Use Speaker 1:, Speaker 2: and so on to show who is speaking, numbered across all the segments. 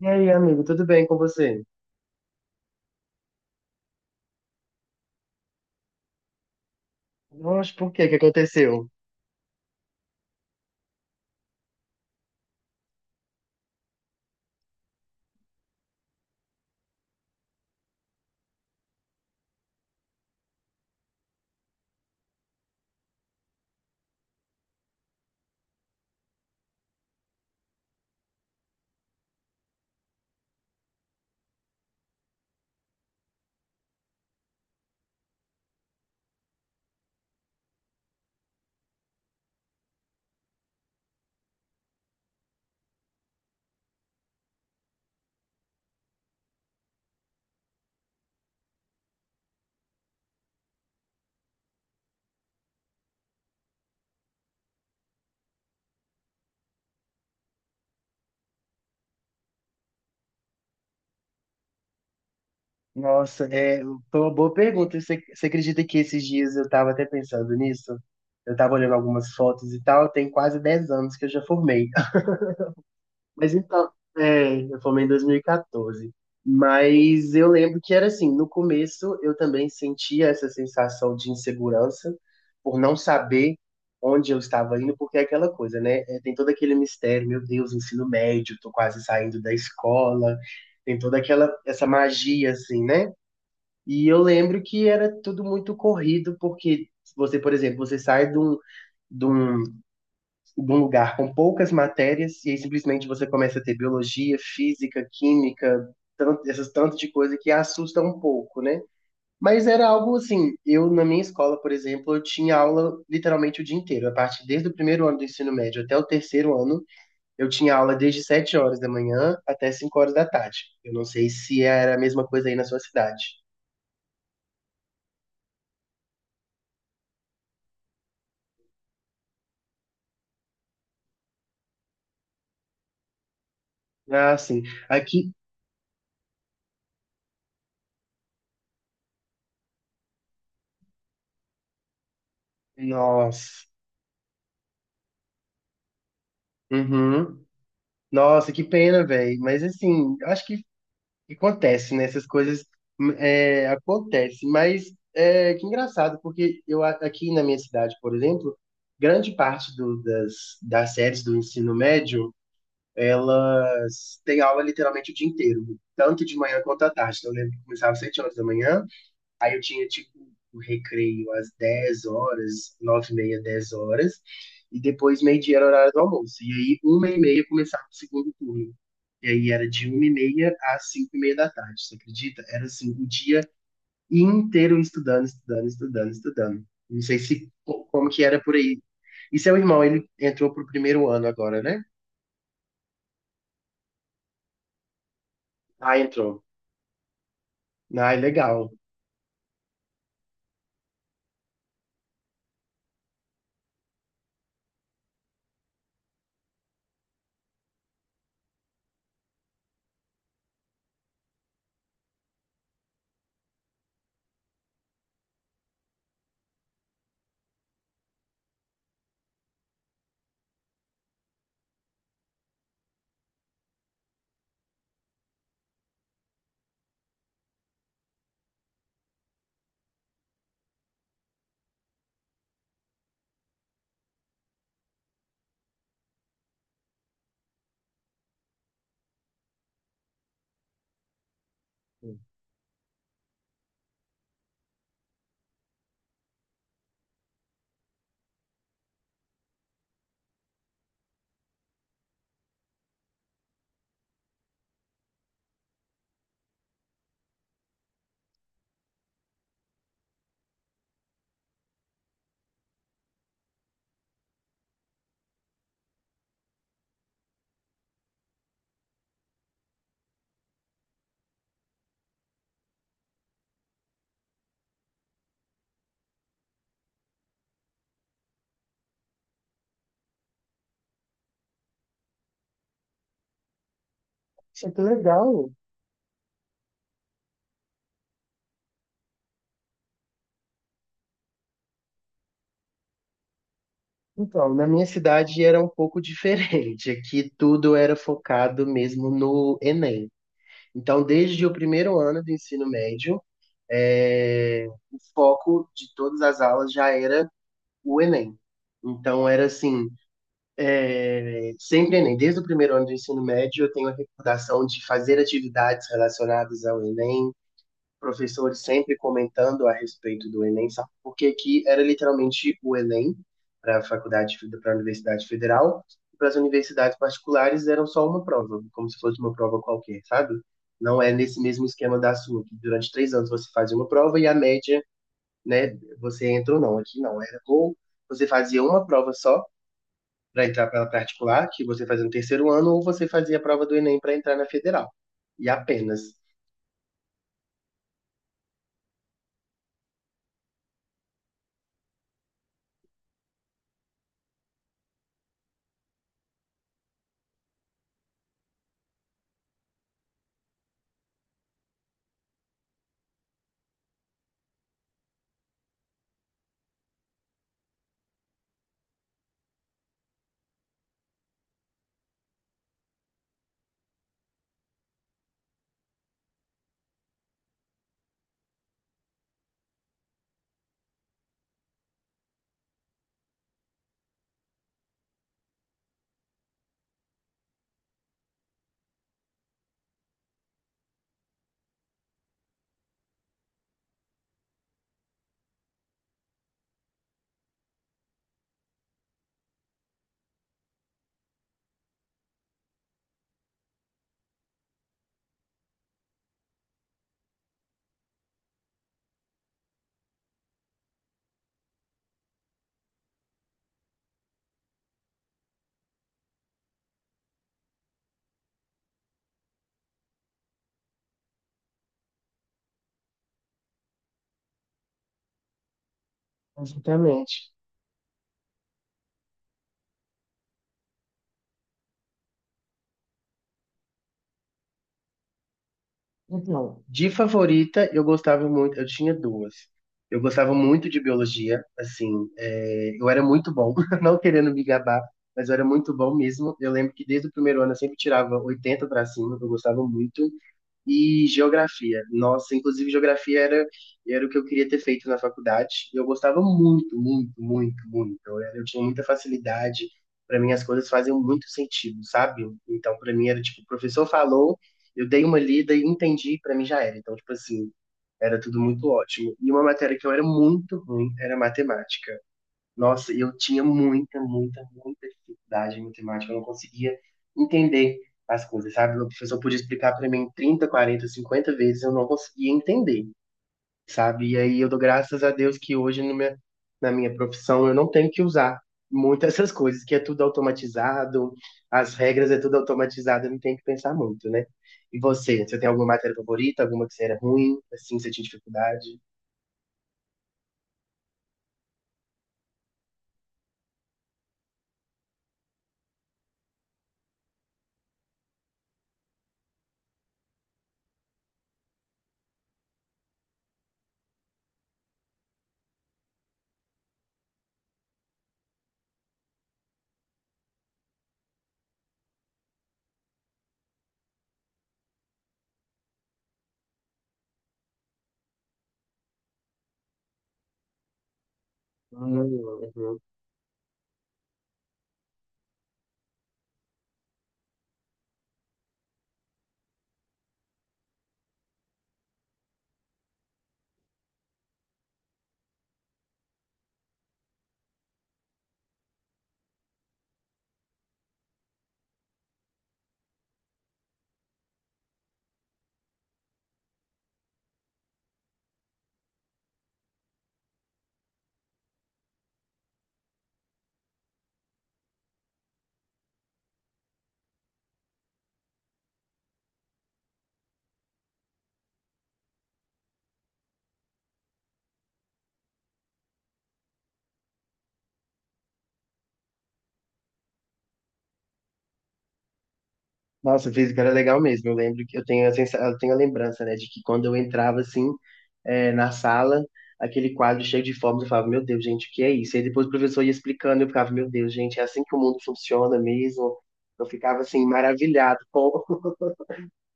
Speaker 1: E aí, amigo, tudo bem com você? Nossa, por quê? O que aconteceu? Nossa, é, foi uma boa pergunta. Você acredita que esses dias eu estava até pensando nisso? Eu estava olhando algumas fotos e tal, tem quase 10 anos que eu já formei. Mas então, é, eu formei em 2014. Mas eu lembro que era assim, no começo eu também sentia essa sensação de insegurança por não saber onde eu estava indo, porque é aquela coisa, né? É, tem todo aquele mistério, meu Deus, ensino médio, tô quase saindo da escola, tem toda aquela essa magia assim, né? E eu lembro que era tudo muito corrido, porque você, por exemplo, você sai de um, de um de um lugar com poucas matérias e aí simplesmente você começa a ter biologia, física, química, tanto, essas tantas de coisa que assusta um pouco, né? Mas era algo assim, eu na minha escola, por exemplo, eu tinha aula literalmente o dia inteiro. A partir desde o primeiro ano do ensino médio até o terceiro ano, eu tinha aula desde 7 horas da manhã até 5 horas da tarde. Eu não sei se era a mesma coisa aí na sua cidade. Ah, sim. Aqui, nossa. Uhum. Nossa, que pena, velho. Mas assim, acho que acontece, né? Essas coisas acontecem, mas é que engraçado, porque aqui na minha cidade, por exemplo, grande parte das séries do ensino médio, elas têm aula literalmente o dia inteiro, tanto de manhã quanto à tarde. Então, eu lembro que começava às 7 horas da manhã. Aí eu tinha, tipo, o recreio às 10 horas, 9h30, 10 horas, e depois meio-dia era o horário do almoço. E aí, 1h30 começava o segundo turno. E aí era de 1h30 às 5h30 da tarde, você acredita? Era assim, o dia inteiro estudando, estudando, estudando, estudando. Não sei se co- como que era por aí. E seu irmão, ele entrou pro primeiro ano agora, né? Ah, entrou. Ah, legal. É que legal. Então, na minha cidade era um pouco diferente. Aqui tudo era focado mesmo no Enem. Então, desde o primeiro ano do ensino médio, eh, o foco de todas as aulas já era o Enem. Então, era assim, sempre Enem. Desde o primeiro ano do ensino médio, eu tenho a recordação de fazer atividades relacionadas ao Enem. Professores sempre comentando a respeito do Enem, sabe? Porque aqui era literalmente o Enem para a faculdade, para a Universidade Federal, e para as universidades particulares eram só uma prova, como se fosse uma prova qualquer, sabe? Não é nesse mesmo esquema da sua, que durante 3 anos você fazia uma prova e a média, né, você entra ou não. Aqui não, era ou você fazia uma prova só para entrar pela particular, que você fazia no terceiro ano, ou você fazia a prova do Enem para entrar na federal. E apenas. Exatamente. Então, de favorita, eu gostava muito, eu tinha duas. Eu gostava muito de biologia, assim, é, eu era muito bom, não querendo me gabar, mas eu era muito bom mesmo. Eu lembro que desde o primeiro ano eu sempre tirava 80 para cima, eu gostava muito. E geografia. Nossa, inclusive geografia era o que eu queria ter feito na faculdade. E eu gostava muito, muito, muito, muito. Eu tinha muita facilidade. Para mim, as coisas faziam muito sentido, sabe? Então, para mim, era tipo, o professor falou, eu dei uma lida e entendi, para mim já era. Então, tipo assim, era tudo muito ótimo. E uma matéria que eu era muito ruim era matemática. Nossa, eu tinha muita, muita, muita dificuldade em matemática, eu não conseguia entender as coisas, sabe? O professor podia explicar para mim 30, 40, 50 vezes, eu não conseguia entender, sabe? E aí eu dou graças a Deus que hoje no minha, na minha profissão eu não tenho que usar muito essas coisas, que é tudo automatizado, as regras é tudo automatizado, eu não tenho que pensar muito, né? E você tem alguma matéria favorita, alguma que você era ruim, assim, que você tinha dificuldade? Hum. Nossa, física era legal mesmo. Eu lembro que eu tenho a lembrança, né, de que quando eu entrava assim, na sala, aquele quadro cheio de formas, eu falava, meu Deus, gente, o que é isso? E depois o professor ia explicando, eu ficava, meu Deus, gente, é assim que o mundo funciona mesmo. Eu ficava assim maravilhado com,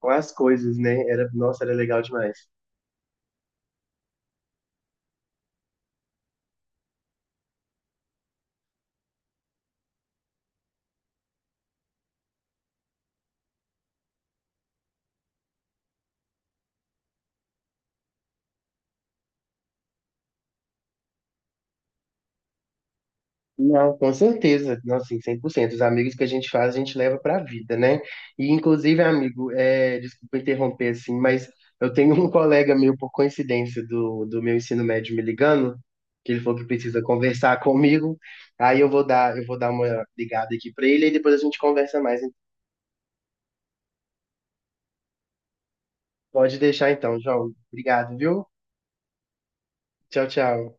Speaker 1: com as coisas, né? Era, nossa, era legal demais. Não, com certeza. Não, sim, 100%. Os amigos que a gente faz, a gente leva para a vida, né? E, inclusive, amigo, desculpa interromper, assim, mas eu tenho um colega meu, por coincidência, do meu ensino médio me ligando, que ele falou que precisa conversar comigo. Aí eu vou dar uma ligada aqui para ele e depois a gente conversa mais. Pode deixar então, João. Obrigado, viu? Tchau, tchau.